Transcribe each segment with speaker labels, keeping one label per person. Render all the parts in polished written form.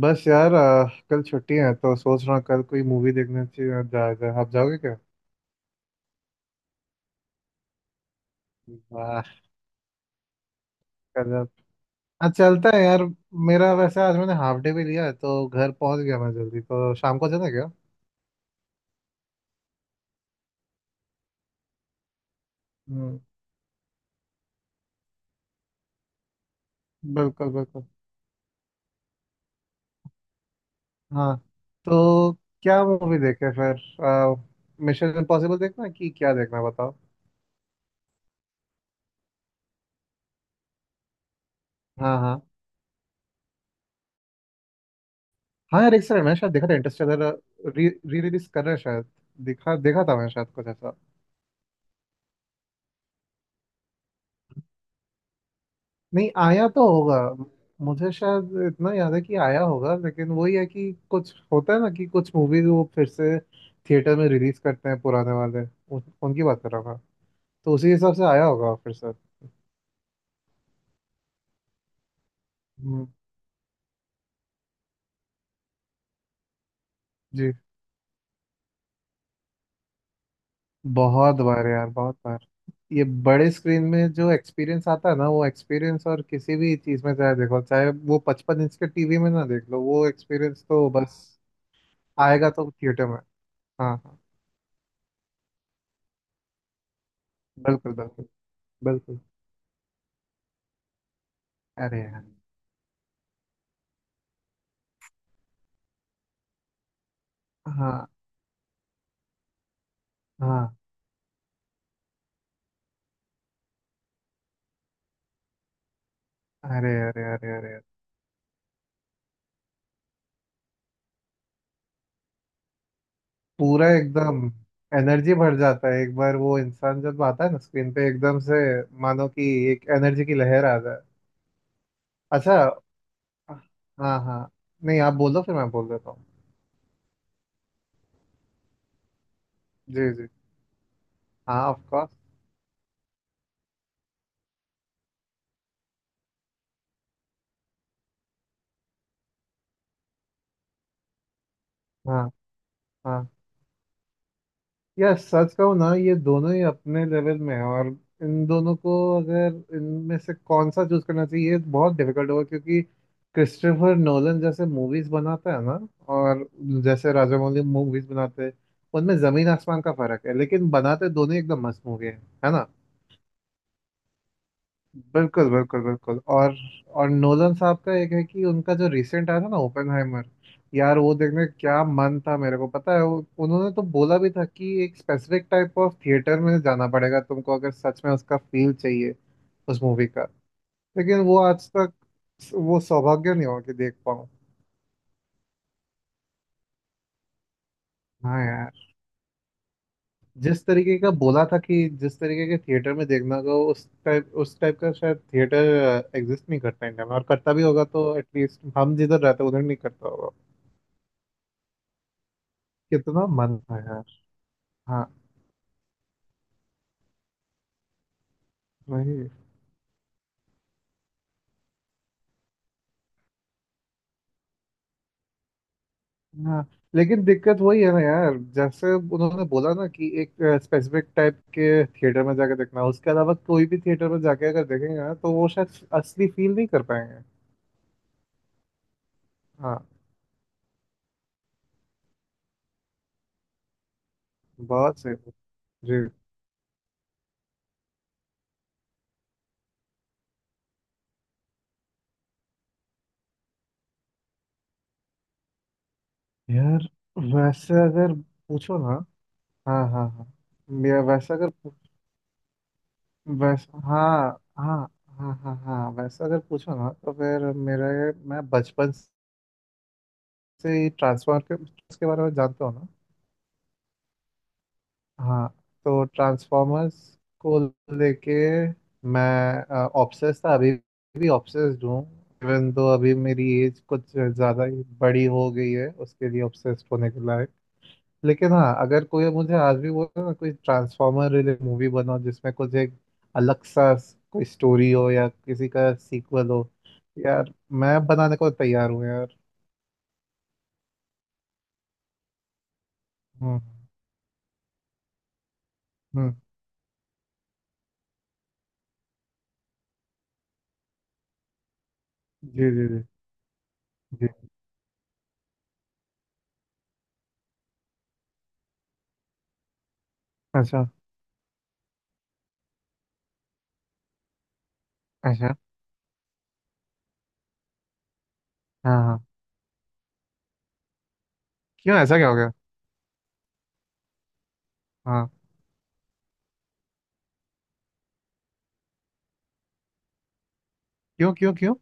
Speaker 1: बस यार कल छुट्टी है तो सोच रहा हूँ कल कोई मूवी देखने चाहिए, जाया जाए। आप जाओगे क्या? वाह। कल आप। हाँ, चलता है यार। मेरा वैसे आज मैंने हाफ डे भी लिया है तो घर पहुंच गया मैं जल्दी, तो शाम को चलें क्या? हम्म, बिल्कुल बिल्कुल। हाँ, तो क्या मूवी देखे फिर? मिशन इम्पॉसिबल देखना है कि क्या देखना है बताओ। हाँ हाँ। हाँ यार, एक सेकंड, मैंने शायद देखा था इंटरस्टेलर। री रिलीज कर रहे हैं शायद। दिखा देखा था मैंने शायद कुछ ऐसा। नहीं आया तो होगा, मुझे शायद इतना याद है कि आया होगा, लेकिन वही है कि कुछ होता है ना कि कुछ मूवीज वो फिर से थिएटर में रिलीज करते हैं पुराने वाले। उनकी बात कर रहा था, तो उसी हिसाब से आया होगा फिर से। हम्म, जी। बहुत बार यार, बहुत बार। ये बड़े स्क्रीन में जो एक्सपीरियंस आता है ना, वो एक्सपीरियंस और किसी भी चीज में, चाहे देखो, चाहे वो पचपन इंच के टीवी में ना देख लो, वो एक्सपीरियंस तो बस आएगा तो थिएटर में। हाँ हाँ, बिल्कुल बिल्कुल बिल्कुल। अरे यार। हाँ हाँ। अरे अरे अरे अरे। पूरा एकदम एनर्जी भर जाता है एक बार वो इंसान जब आता है ना स्क्रीन पे एकदम से। मानो कि एक एनर्जी की लहर आ जाए। अच्छा। हाँ हाँ। नहीं, आप बोलो, फिर मैं बोल देता हूँ। जी जी। हाँ, ऑफ कोर्स। हाँ। हाँ यार, सच कहूँ ना, ये दोनों ही अपने लेवल में है, और इन दोनों को, अगर इनमें से कौन सा चूज करना चाहिए, ये बहुत डिफिकल्ट होगा, क्योंकि क्रिस्टोफर नोलन जैसे मूवीज बनाता है ना, और जैसे राजामौली मूवीज बनाते हैं, उनमें जमीन आसमान का फर्क है, लेकिन बनाते दोनों ही एकदम मस्त मूवी है। है ना। बिल्कुल बिल्कुल बिल्कुल। और नोलन साहब का एक है कि उनका जो रिसेंट आया था ना, ओपेनहाइमर। यार वो देखने का क्या मन था मेरे को, पता है। वो- उन्होंने तो बोला भी था कि एक स्पेसिफिक टाइप ऑफ थिएटर में जाना पड़ेगा तुमको अगर सच में उसका फील चाहिए उस मूवी का। लेकिन वो आज तक वो सौभाग्य नहीं हुआ कि देख पाऊँ। हाँ यार। जिस तरीके का बोला था, कि जिस तरीके के थिएटर में देखना होगा, उस टाइप का शायद थिएटर एग्जिस्ट नहीं करता इंडिया में, और करता भी होगा तो एटलीस्ट हम जिधर रहते हैं उधर नहीं करता होगा। कितना मन था यार। हाँ वही। हाँ लेकिन दिक्कत वही है ना यार, जैसे उन्होंने बोला ना कि एक स्पेसिफिक टाइप के थिएटर में जाकर देखना, उसके अलावा कोई भी थिएटर में जाके अगर देखेंगे ना, तो वो शायद असली फील नहीं कर पाएंगे। हाँ। बहुत सही। जी। यार वैसे अगर पूछो ना। हाँ हाँ हाँ। मैं वैसे अगर पू- वैसे हाँ। हाँ हाँ हाँ हाँ, वैसे अगर पूछो ना, तो फिर मेरे, मैं बचपन से ही ट्रांसफर के उसके बारे में जानता हूँ ना। हाँ। तो ट्रांसफॉर्मर्स को लेके मैं ऑब्सेस्ड था, अभी भी ऑब्सेस्ड हूँ। इवन तो अभी मेरी एज कुछ ज़्यादा ही बड़ी हो गई है उसके लिए ऑब्सेस्ड होने के लायक। लेकिन हाँ, अगर कोई मुझे आज भी बोले ना कोई ट्रांसफॉर्मर रिलेटेड मूवी बनाओ जिसमें कुछ एक अलग सा कोई स्टोरी हो या किसी का सीक्वल हो, यार मैं बनाने को तैयार हूँ यार। हम्म हम्म। जी जी जी जी। अच्छा। अच्छा। हाँ हाँ। क्यों? ऐसा क्या हो गया? हाँ। क्यों क्यों क्यों?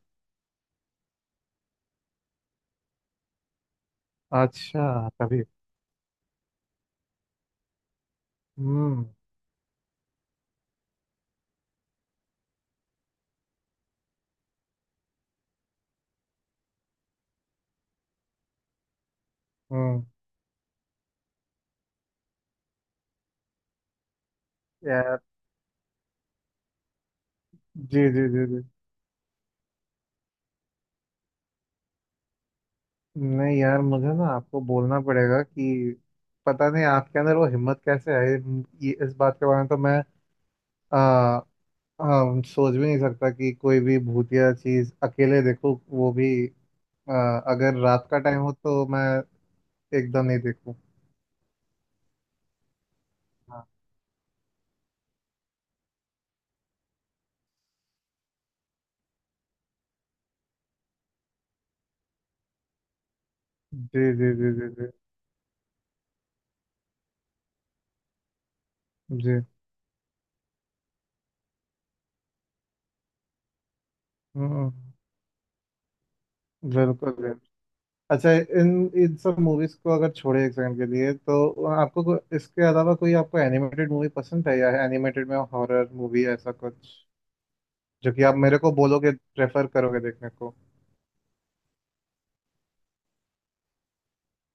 Speaker 1: अच्छा तभी। हम्म हम्म। यार। जी जी जी जी। नहीं यार, मुझे ना आपको बोलना पड़ेगा कि पता नहीं आपके अंदर वो हिम्मत कैसे आई। ये इस बात के बारे में तो मैं आ, आ, सोच भी नहीं सकता कि कोई भी भूतिया चीज अकेले देखूं, वो भी आ, अगर रात का टाइम हो तो मैं एकदम नहीं देखूं। हाँ। जी जी जी जी जी जी। हम्म। बिल्कुल बिल्कुल। अच्छा, इन इन सब मूवीज को अगर छोड़े एक सेकंड के लिए, तो आपको इसके अलावा कोई आपको एनिमेटेड मूवी पसंद है, या एनिमेटेड में हॉरर मूवी ऐसा कुछ जो कि आप मेरे को बोलोगे प्रेफर करोगे देखने को?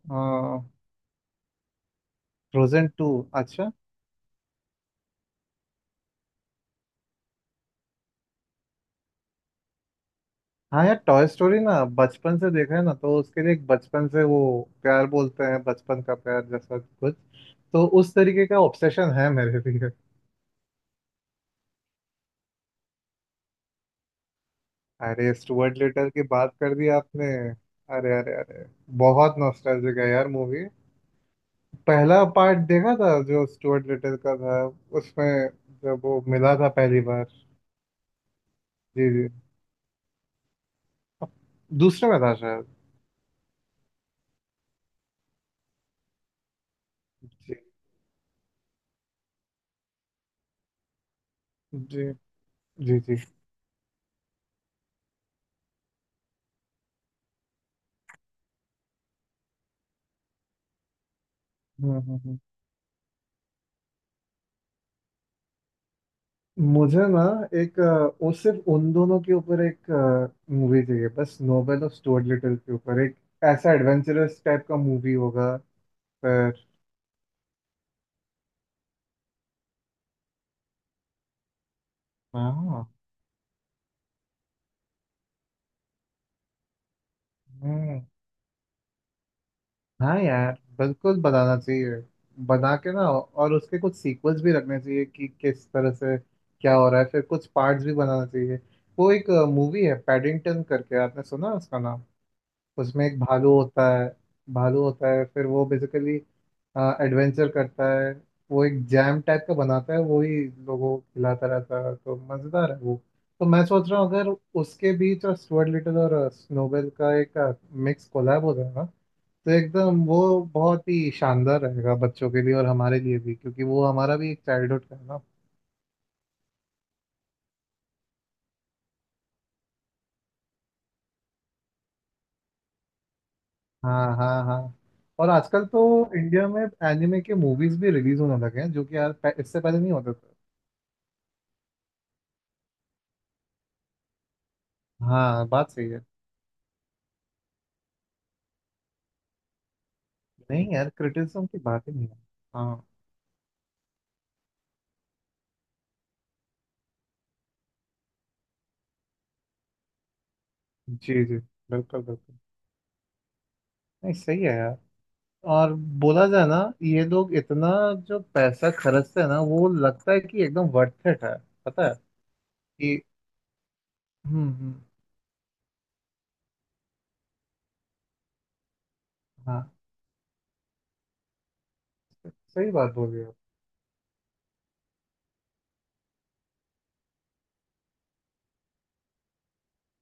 Speaker 1: Frozen two? अच्छा। हाँ यार, टॉय स्टोरी ना बचपन से देखा है ना, तो उसके लिए एक बचपन से वो प्यार, बोलते हैं बचपन का प्यार जैसा कुछ, तो उस तरीके का ऑब्सेशन है मेरे लिए। अरे स्टुअर्ट लिटल की बात कर दी आपने। अरे अरे अरे। बहुत नॉस्टैल्जिक है यार मूवी। पहला पार्ट देखा था जो स्टुअर्ट लिटिल का था, उसमें जब वो मिला था पहली बार। जी जी। दूसरे में था शायद। जी जी जी जी। हम्म हम्म हम्म। मुझे ना एक वो सिर्फ उन दोनों के ऊपर एक मूवी चाहिए बस, नोबेल और स्टुअर्ट लिटिल के ऊपर एक ऐसा एडवेंचरस टाइप का मूवी होगा, पर। हाँ। हम्म। हाँ यार, बिल्कुल बताना चाहिए बना के ना, और उसके कुछ सीक्वल्स भी रखने चाहिए कि किस तरह से क्या हो रहा है, फिर कुछ पार्ट्स भी बनाना चाहिए। वो एक मूवी है पैडिंगटन करके, आपने सुना उसका नाम? उसमें एक भालू होता है, भालू होता है, फिर वो बेसिकली एडवेंचर करता है, वो एक जैम टाइप का बनाता है, वो ही लोगों को खिलाता रहता है, तो मज़ेदार है वो। तो मैं सोच रहा हूँ, अगर उसके बीच और स्टुअर्ट लिटिल और स्नोबेल का एक मिक्स कोलैब हो जाए ना, तो एकदम वो बहुत ही शानदार रहेगा बच्चों के लिए और हमारे लिए भी, क्योंकि वो हमारा भी एक चाइल्डहुड का है ना। हाँ हाँ हाँ। और आजकल तो इंडिया में एनिमे के मूवीज भी रिलीज होने लगे हैं जो कि यार इससे पहले नहीं होते थे। हाँ बात सही है। नहीं यार, क्रिटिसिज्म की बात ही नहीं है। हाँ। जी जी, बिल्कुल बिल्कुल। नहीं सही है यार। और बोला जाए ना, ये लोग इतना जो पैसा खर्चते हैं ना, वो लगता है कि एकदम वर्थ इट है, पता है कि। हम्म। हाँ। सही बात बोल रहे हो।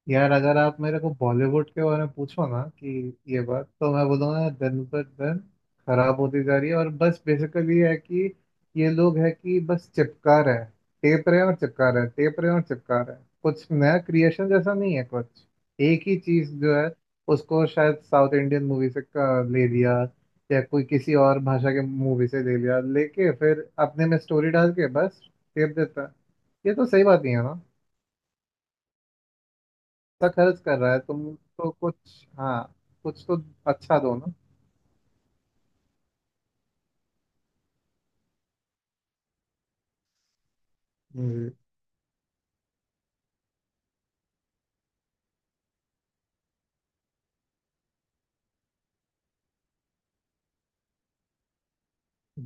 Speaker 1: यार अगर आप मेरे को बॉलीवुड के बारे में पूछो ना कि, ये बात तो मैं बोलूँगा दिन पर दिन खराब होती जा रही है, और बस बेसिकली है कि ये लोग है कि बस चिपका रहे हैं, टेप रहे हैं और चिपका रहे हैं, टेप रहे हैं और चिपका रहे हैं, कुछ नया क्रिएशन जैसा नहीं है कुछ। एक ही चीज जो है उसको शायद साउथ इंडियन मूवी से का ले लिया, या कोई किसी और भाषा के मूवी से ले लिया, लेके फिर अपने में स्टोरी डाल के बस टेप देता है। ये तो सही बात नहीं है ना। इतना खर्च कर रहा है, तुम तो कुछ हाँ, कुछ तो। अच्छा दो ना। जी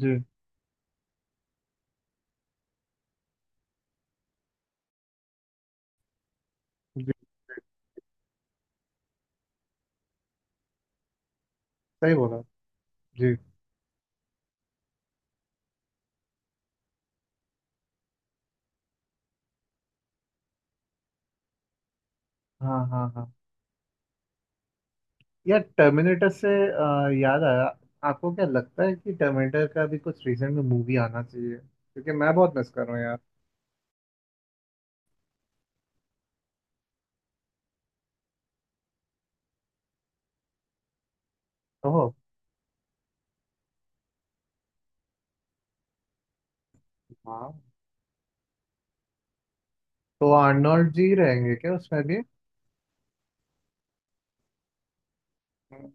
Speaker 1: जी जी जी, सही बोला। जी। हाँ हाँ। हाँ यार, टर्मिनेटर से याद आया, आपको क्या लगता है कि टर्मिनेटर का भी कुछ रिसेंट में मूवी आना चाहिए? क्योंकि मैं बहुत मिस कर रहा हूँ यार। ओहो। हाँ, तो आर्नोल्ड जी रहेंगे क्या उसमें भी? हम्म,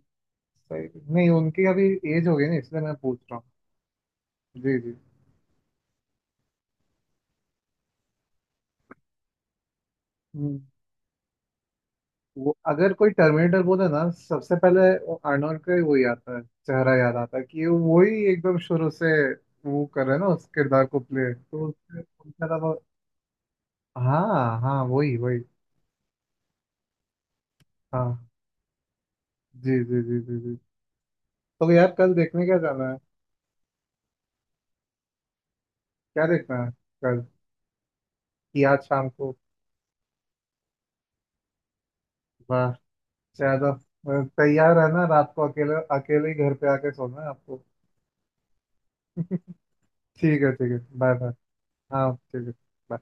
Speaker 1: सही नहीं, उनकी अभी एज हो गई ना, इसलिए मैं पूछ रहा हूँ। जी जी। वो अगर कोई टर्मिनेटर बोले ना, सबसे पहले वो आर्नोल्ड का ही वही आता है, चेहरा याद आता है कि वही एकदम शुरू से वो कर रहे हैं ना उस किरदार को प्ले, तो उससे उनका था वो-। हाँ हाँ, वही वही। हाँ। जी जी जी जी जी। तो यार कल देखने क्या जाना है? क्या देखना है कल, कि आज शाम को? वाह। चलो तैयार है ना रात को अकेले अकेले ही घर पे आके सोना है आपको। ठीक है ठीक है, बाय बाय। हाँ ठीक है। bye।